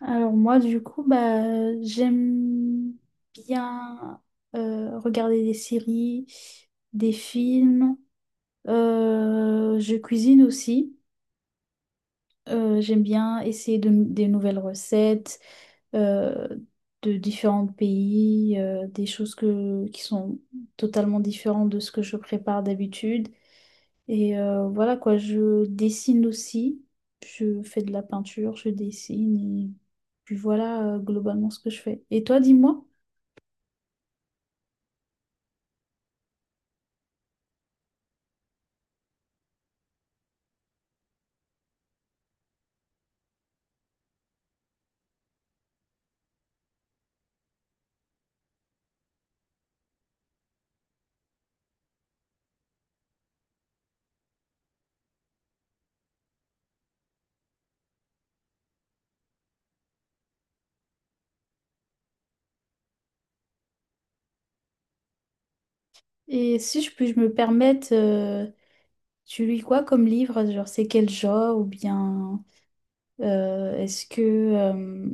Alors moi, du coup, bah, j'aime bien regarder des séries, des films. Je cuisine aussi. J'aime bien essayer des nouvelles recettes euh, de différents pays, des choses qui sont totalement différentes de ce que je prépare d'habitude. Et voilà quoi, je dessine aussi. Je fais de la peinture, je dessine. Et puis voilà globalement ce que je fais. Et toi, dis-moi. Et si je puis je me permettre, tu lis quoi comme livre? Genre, c'est quel genre? Ou bien est-ce que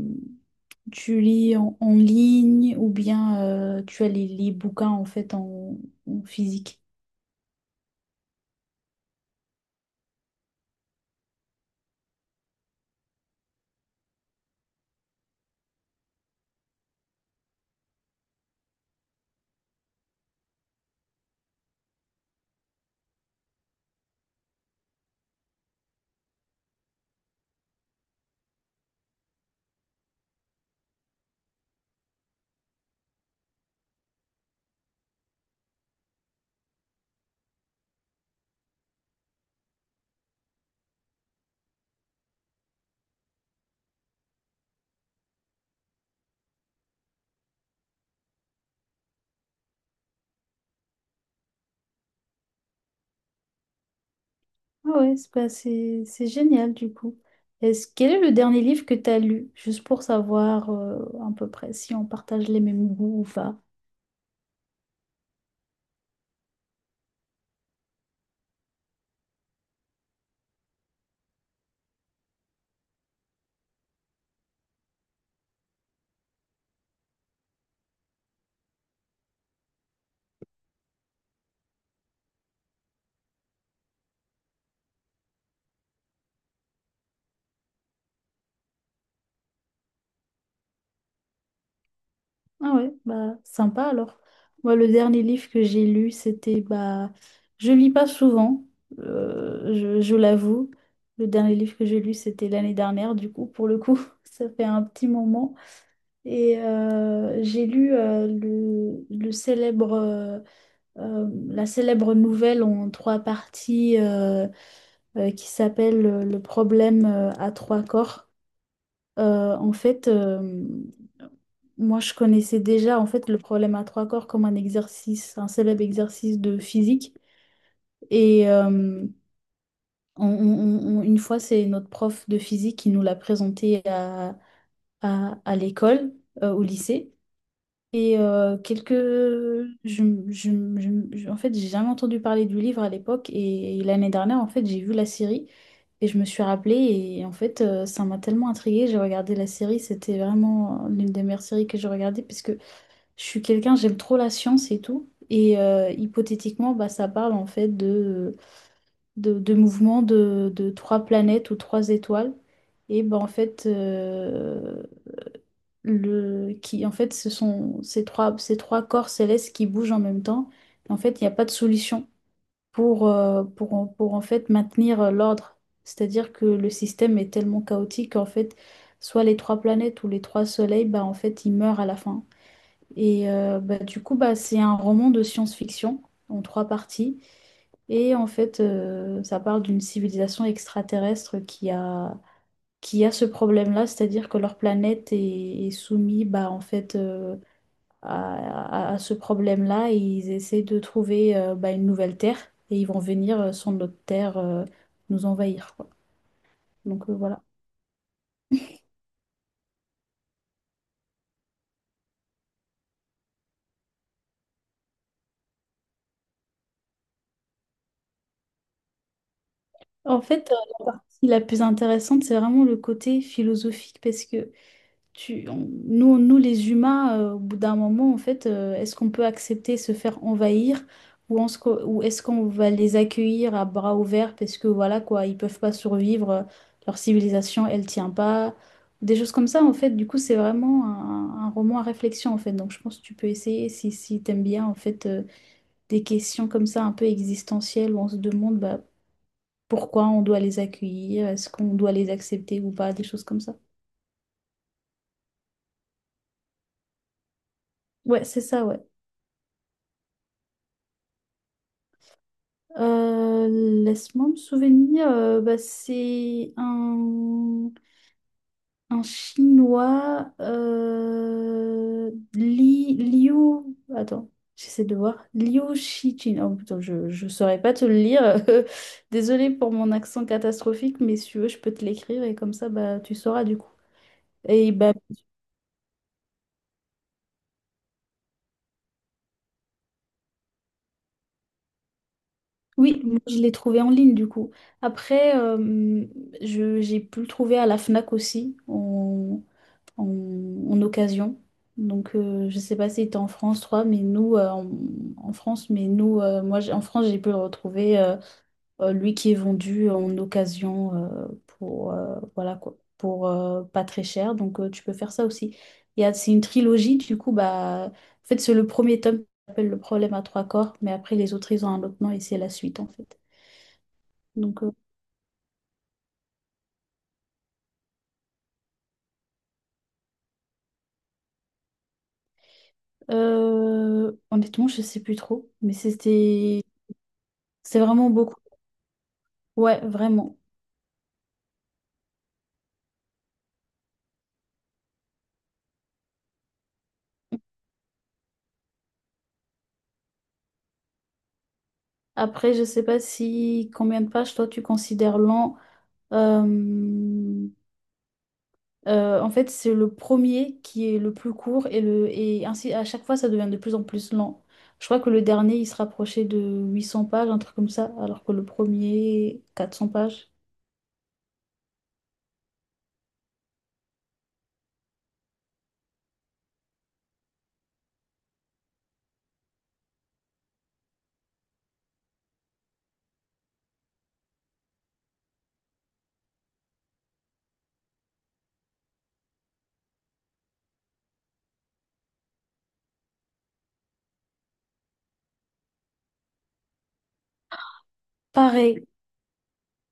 tu lis en ligne? Ou bien tu as les bouquins en fait en physique? Ah ouais, c'est bah, c'est génial du coup. Quel est le dernier livre que tu as lu? Juste pour savoir à peu près si on partage les mêmes goûts ou pas. Ah ouais, bah sympa alors. Moi, le dernier livre que j'ai lu, c'était bah je lis pas souvent, je l'avoue. Le dernier livre que j'ai lu, c'était l'année dernière, du coup, pour le coup, ça fait un petit moment. Et j'ai lu le célèbre la célèbre nouvelle en trois parties qui s'appelle Le problème à trois corps. En fait, moi, je connaissais déjà en fait le problème à trois corps comme un exercice, un célèbre exercice de physique. Et une fois, c'est notre prof de physique qui nous l'a présenté à l'école, au lycée. Et quelques... je, en fait, j'ai jamais entendu parler du livre à l'époque et, l'année dernière, en fait, j'ai vu la série et je me suis rappelée et en fait, ça m'a tellement intriguée. J'ai regardé la série, c'était vraiment l'une des meilleures séries que j'ai regardées parce que je suis quelqu'un, j'aime trop la science et tout. Et hypothétiquement, bah, ça parle en fait de mouvements de trois planètes ou trois étoiles. Et bah, en fait, en fait, ce sont ces trois corps célestes qui bougent en même temps. En fait, il n'y a pas de solution pour, pour en fait maintenir l'ordre. C'est-à-dire que le système est tellement chaotique qu'en fait, soit les trois planètes ou les trois soleils, bah, en fait, ils meurent à la fin. Et du coup, bah, c'est un roman de science-fiction en trois parties. Et en fait, ça parle d'une civilisation extraterrestre qui a ce problème-là, c'est-à-dire que leur planète est soumise bah, en fait, à ce problème-là et ils essaient de trouver bah, une nouvelle Terre et ils vont venir sur notre Terre nous envahir, quoi. Donc voilà. En fait, euh, ce qui est la plus intéressante, c'est vraiment le côté philosophique parce que nous, les humains, au bout d'un moment, en fait, est-ce qu'on peut accepter se faire envahir ou est-ce qu'on va les accueillir à bras ouverts parce que voilà quoi, ils peuvent pas survivre, leur civilisation, elle tient pas, des choses comme ça en fait. Du coup, c'est vraiment un roman à réflexion en fait. Donc, je pense que tu peux essayer si t'aimes bien en fait des questions comme ça un peu existentielles où on se demande bah, pourquoi on doit les accueillir, est-ce qu'on doit les accepter ou pas, des choses comme ça. Ouais, c'est ça, ouais. Euh, laisse-moi me souvenir, bah, c'est un Chinois, Liu, attends, j'essaie de voir, Liu Shijin, oh putain, je saurais pas te le lire, désolée pour mon accent catastrophique, mais si tu veux, je peux te l'écrire et comme ça, bah, tu sauras du coup. Et bah, oui, moi, je l'ai trouvé en ligne du coup. Après, j'ai pu le trouver à la Fnac aussi, en, en occasion. Donc, je sais pas si tu en France, toi, mais nous, en France, mais nous, en France, j'ai pu le retrouver, lui qui est vendu en occasion pour, voilà, quoi, pour pas très cher. Donc, tu peux faire ça aussi. C'est une trilogie, du coup, bah, en fait, c'est le premier tome qui s'appelle Le problème à trois corps, mais après, les autres, ils ont un autre nom et c'est la suite, en fait. Donc, euh, Honnêtement, je sais plus trop, mais c'est vraiment beaucoup. Ouais, vraiment. Après, je sais pas si combien de pages toi tu considères lent. Euh, En fait, c'est le premier qui est le plus court, et ainsi à chaque fois ça devient de plus en plus lent. Je crois que le dernier il se rapprochait de 800 pages, un truc comme ça, alors que le premier 400 pages. Pareil,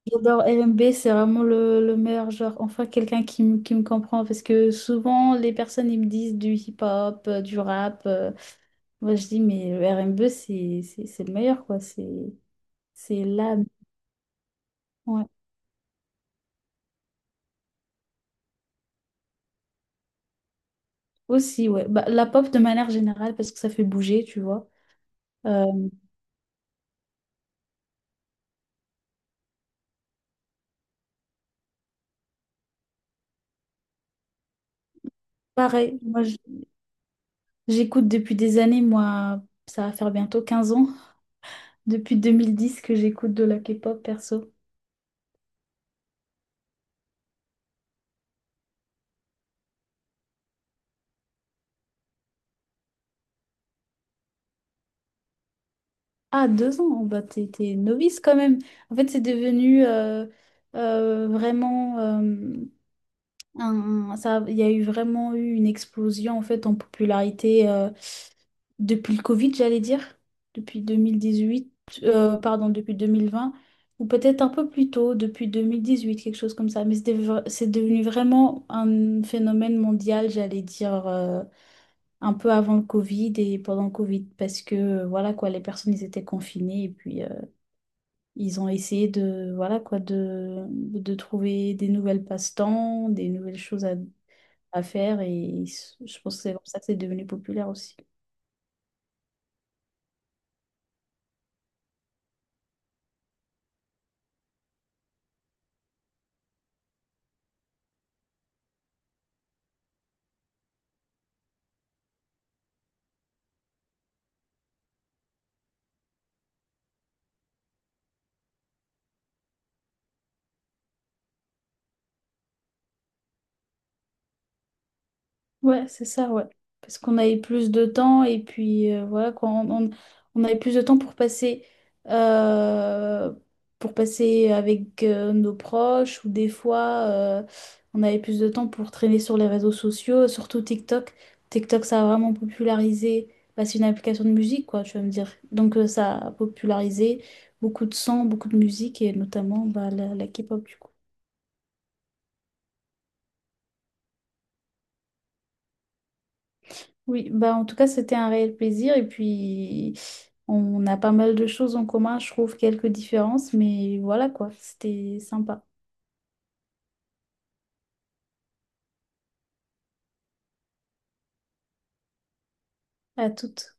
j'adore LMB, c'est vraiment le meilleur genre. Enfin, quelqu'un qui me comprend parce que souvent les personnes ils me disent du hip-hop, du rap. Moi, je dis, mais le RMB, c'est le meilleur, quoi. C'est la... Ouais. Aussi, ouais. Bah, la pop de manière générale, parce que ça fait bouger, tu vois. Euh, pareil, j'écoute depuis des années, moi, ça va faire bientôt 15 ans, depuis 2010 que j'écoute de la K-pop perso. Ah, 2 ans, bah t'es novice quand même. En fait, c'est devenu vraiment... ça, il y a eu vraiment eu une explosion en fait en popularité depuis le Covid, j'allais dire, depuis 2018, pardon, depuis 2020, ou peut-être un peu plus tôt, depuis 2018, quelque chose comme ça. Mais c'est devenu vraiment un phénomène mondial, j'allais dire, un peu avant le Covid et pendant le Covid, parce que, voilà quoi, les personnes, ils étaient confinées et puis ils ont essayé voilà quoi, de trouver des nouvelles passe-temps, des nouvelles choses à faire et je pense que c'est comme ça que c'est devenu populaire aussi. Ouais, c'est ça, ouais. Parce qu'on avait plus de temps et puis voilà, quoi, on avait plus de temps euh, pour passer avec nos proches ou des fois, on avait plus de temps pour traîner sur les réseaux sociaux, surtout TikTok. TikTok, ça a vraiment popularisé, bah, c'est une application de musique, quoi, tu vas me dire. Donc ça a popularisé beaucoup de sons, beaucoup de musique et notamment bah, la K-pop, du coup. Oui, bah en tout cas, c'était un réel plaisir. Et puis, on a pas mal de choses en commun, je trouve, quelques différences, mais voilà quoi, c'était sympa. À toutes.